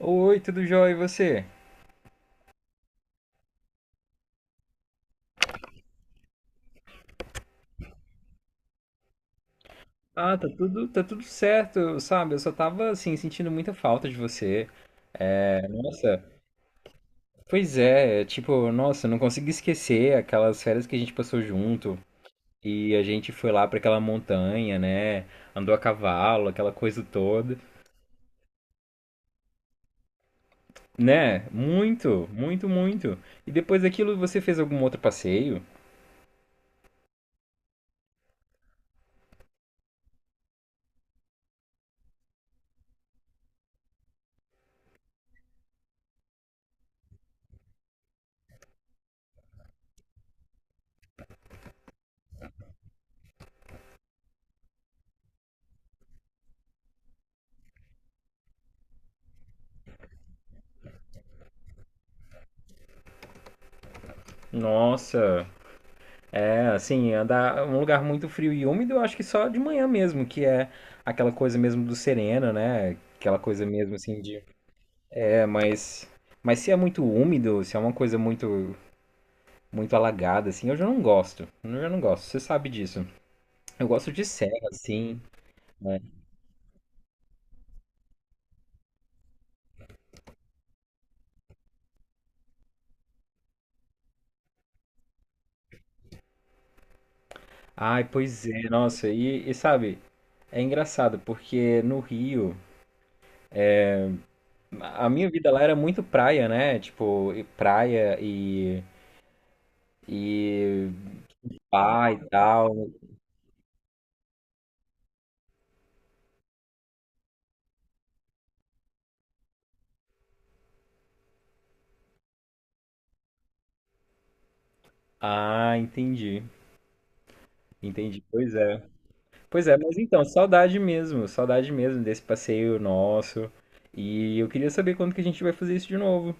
Oi, tudo jóia, e você? Ah, tá tudo certo, sabe? Eu só tava, assim, sentindo muita falta de você. É, nossa, pois é, tipo, nossa, não consigo esquecer aquelas férias que a gente passou junto. E a gente foi lá pra aquela montanha, né? Andou a cavalo, aquela coisa toda. Né? Muito, muito, muito. E depois daquilo você fez algum outro passeio? Nossa, assim, andar um lugar muito frio e úmido, eu acho que só de manhã mesmo, que é aquela coisa mesmo do sereno, né? Aquela coisa mesmo assim de. É, mas. Mas se é muito úmido, se é uma coisa muito muito alagada, assim, eu já não gosto. Eu já não gosto, você sabe disso. Eu gosto de serra, assim, né? Ai, pois é, nossa, e sabe, é engraçado, porque no Rio, a minha vida lá era muito praia, né? Tipo, e praia e bar e tal. Ah, entendi. Entendi. Pois é. Pois é, mas então, saudade mesmo desse passeio nosso. E eu queria saber quando que a gente vai fazer isso de novo.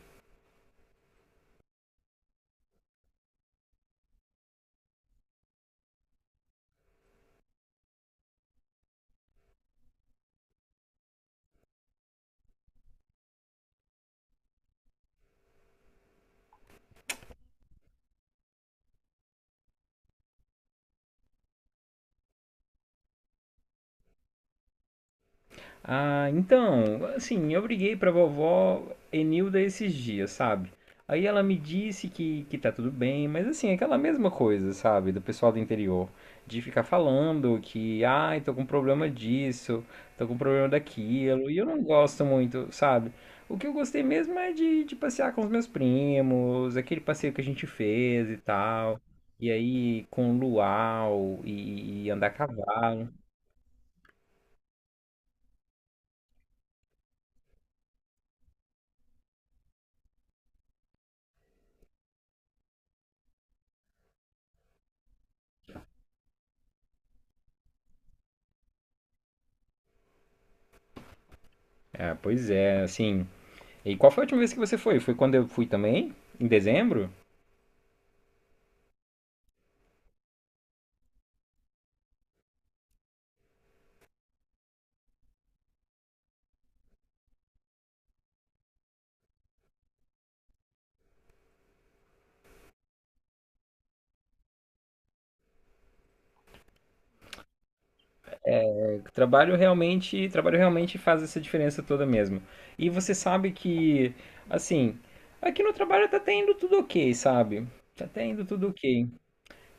Ah, então, assim, eu briguei pra vovó Enilda esses dias, sabe? Aí ela me disse que tá tudo bem, mas assim, é aquela mesma coisa, sabe? Do pessoal do interior. De ficar falando que, ai, tô com problema disso, tô com problema daquilo, e eu não gosto muito, sabe? O que eu gostei mesmo é de passear com os meus primos, aquele passeio que a gente fez e tal. E aí, com luau e andar a cavalo. É, pois é, assim. E qual foi a última vez que você foi? Foi quando eu fui também, em dezembro. Trabalho realmente faz essa diferença toda mesmo. E você sabe que, assim, aqui no trabalho tá até indo tudo ok, sabe? Tá até indo tudo ok.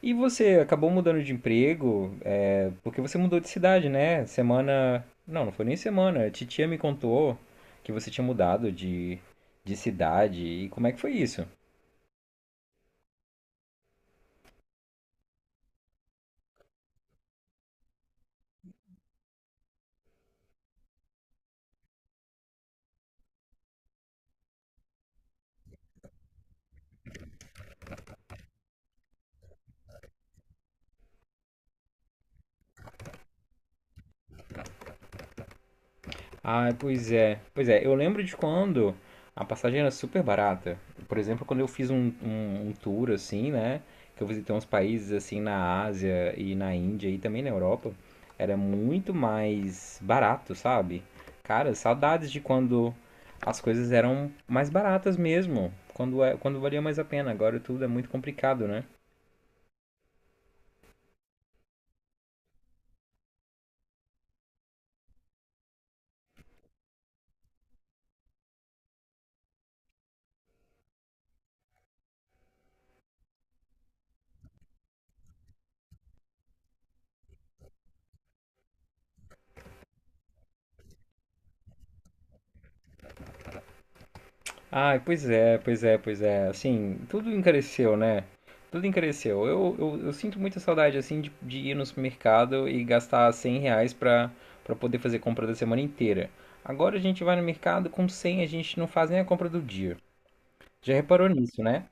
E você acabou mudando de emprego, é, porque você mudou de cidade, né? Semana. Não, não foi nem semana. A titia me contou que você tinha mudado de cidade. E como é que foi isso? Ah, pois é. Pois é, eu lembro de quando a passagem era super barata. Por exemplo, quando eu fiz um tour assim, né? Que eu visitei uns países assim na Ásia e na Índia e também na Europa, era muito mais barato, sabe? Cara, saudades de quando as coisas eram mais baratas mesmo. Quando valia mais a pena. Agora tudo é muito complicado, né? Ah, pois é, pois é, pois é. Assim, tudo encareceu, né? Tudo encareceu. Eu sinto muita saudade, assim, de ir no supermercado e gastar R$ 100 pra poder fazer compra da semana inteira. Agora a gente vai no mercado, com 100, a gente não faz nem a compra do dia. Já reparou nisso, né?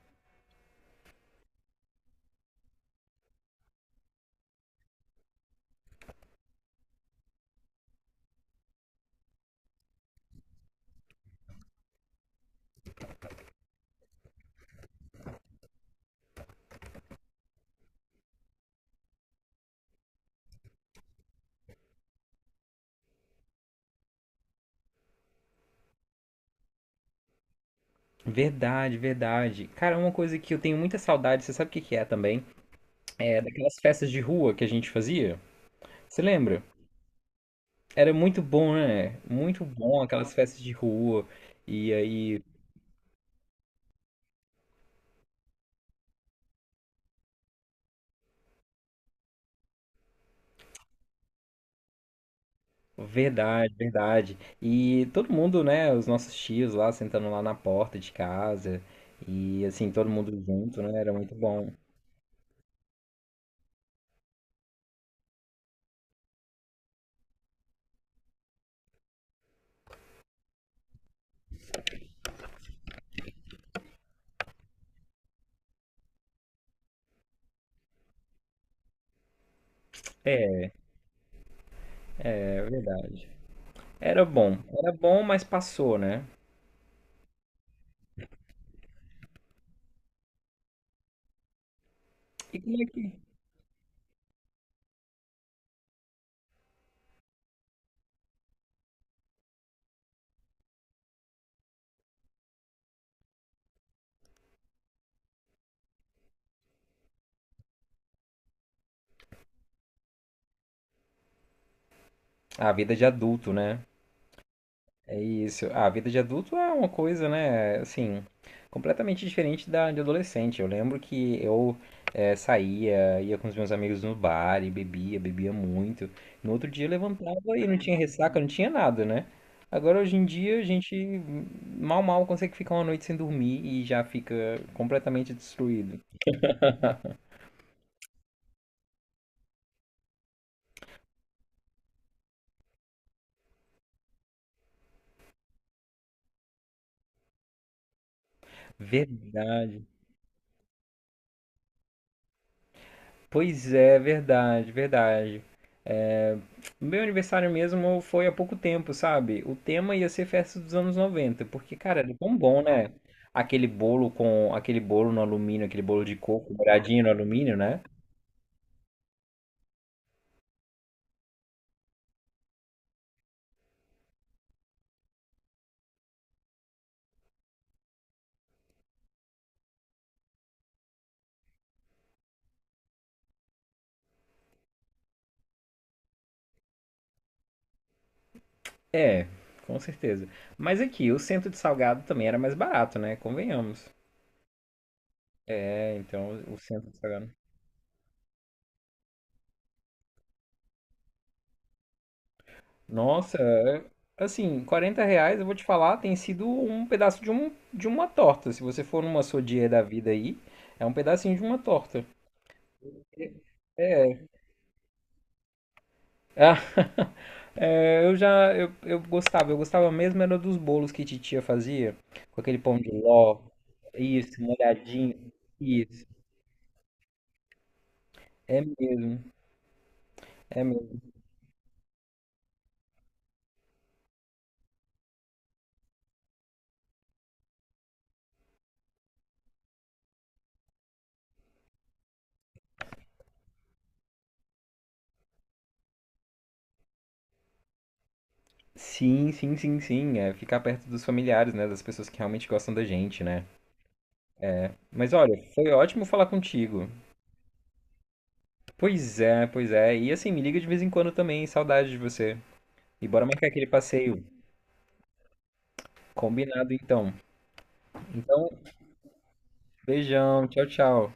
Verdade, verdade. Cara, uma coisa que eu tenho muita saudade, você sabe o que que é também? É daquelas festas de rua que a gente fazia. Você lembra? Era muito bom, né? Muito bom aquelas festas de rua. E aí. Verdade, verdade. E todo mundo, né? Os nossos tios lá sentando lá na porta de casa. E assim, todo mundo junto, né? Era muito bom. É, verdade. Era bom. Era bom, mas passou, né? E como é que. A vida de adulto, né? É isso. A vida de adulto é uma coisa, né? Assim, completamente diferente da de adolescente. Eu lembro que eu saía, ia com os meus amigos no bar e bebia, bebia muito. No outro dia eu levantava e não tinha ressaca, não tinha nada, né? Agora hoje em dia a gente mal mal consegue ficar uma noite sem dormir e já fica completamente destruído. Verdade. Pois é, verdade, verdade. É, o meu aniversário mesmo foi há pouco tempo, sabe? O tema ia ser festa dos anos 90 porque, cara, era tão bom, né? Aquele bolo com aquele bolo no alumínio, aquele bolo de coco, molhadinho no alumínio, né? É, com certeza. Mas aqui, o centro de salgado também era mais barato, né? Convenhamos. É, então o centro de salgado. Nossa, assim, R$ 40, eu vou te falar, tem sido um pedaço de uma torta. Se você for numa sodier da vida aí, é um pedacinho de uma torta. É. Ah, é, eu já, eu gostava mesmo era dos bolos que titia fazia, com aquele pão de ló, isso, molhadinho, isso. É mesmo, é mesmo. Sim, sim, sim, sim. É ficar perto dos familiares, né? Das pessoas que realmente gostam da gente, né? Mas olha, foi ótimo falar contigo. Pois é, pois é. E assim, me liga de vez em quando também, saudade de você. E bora marcar aquele passeio. Combinado então. Então, beijão, tchau, tchau.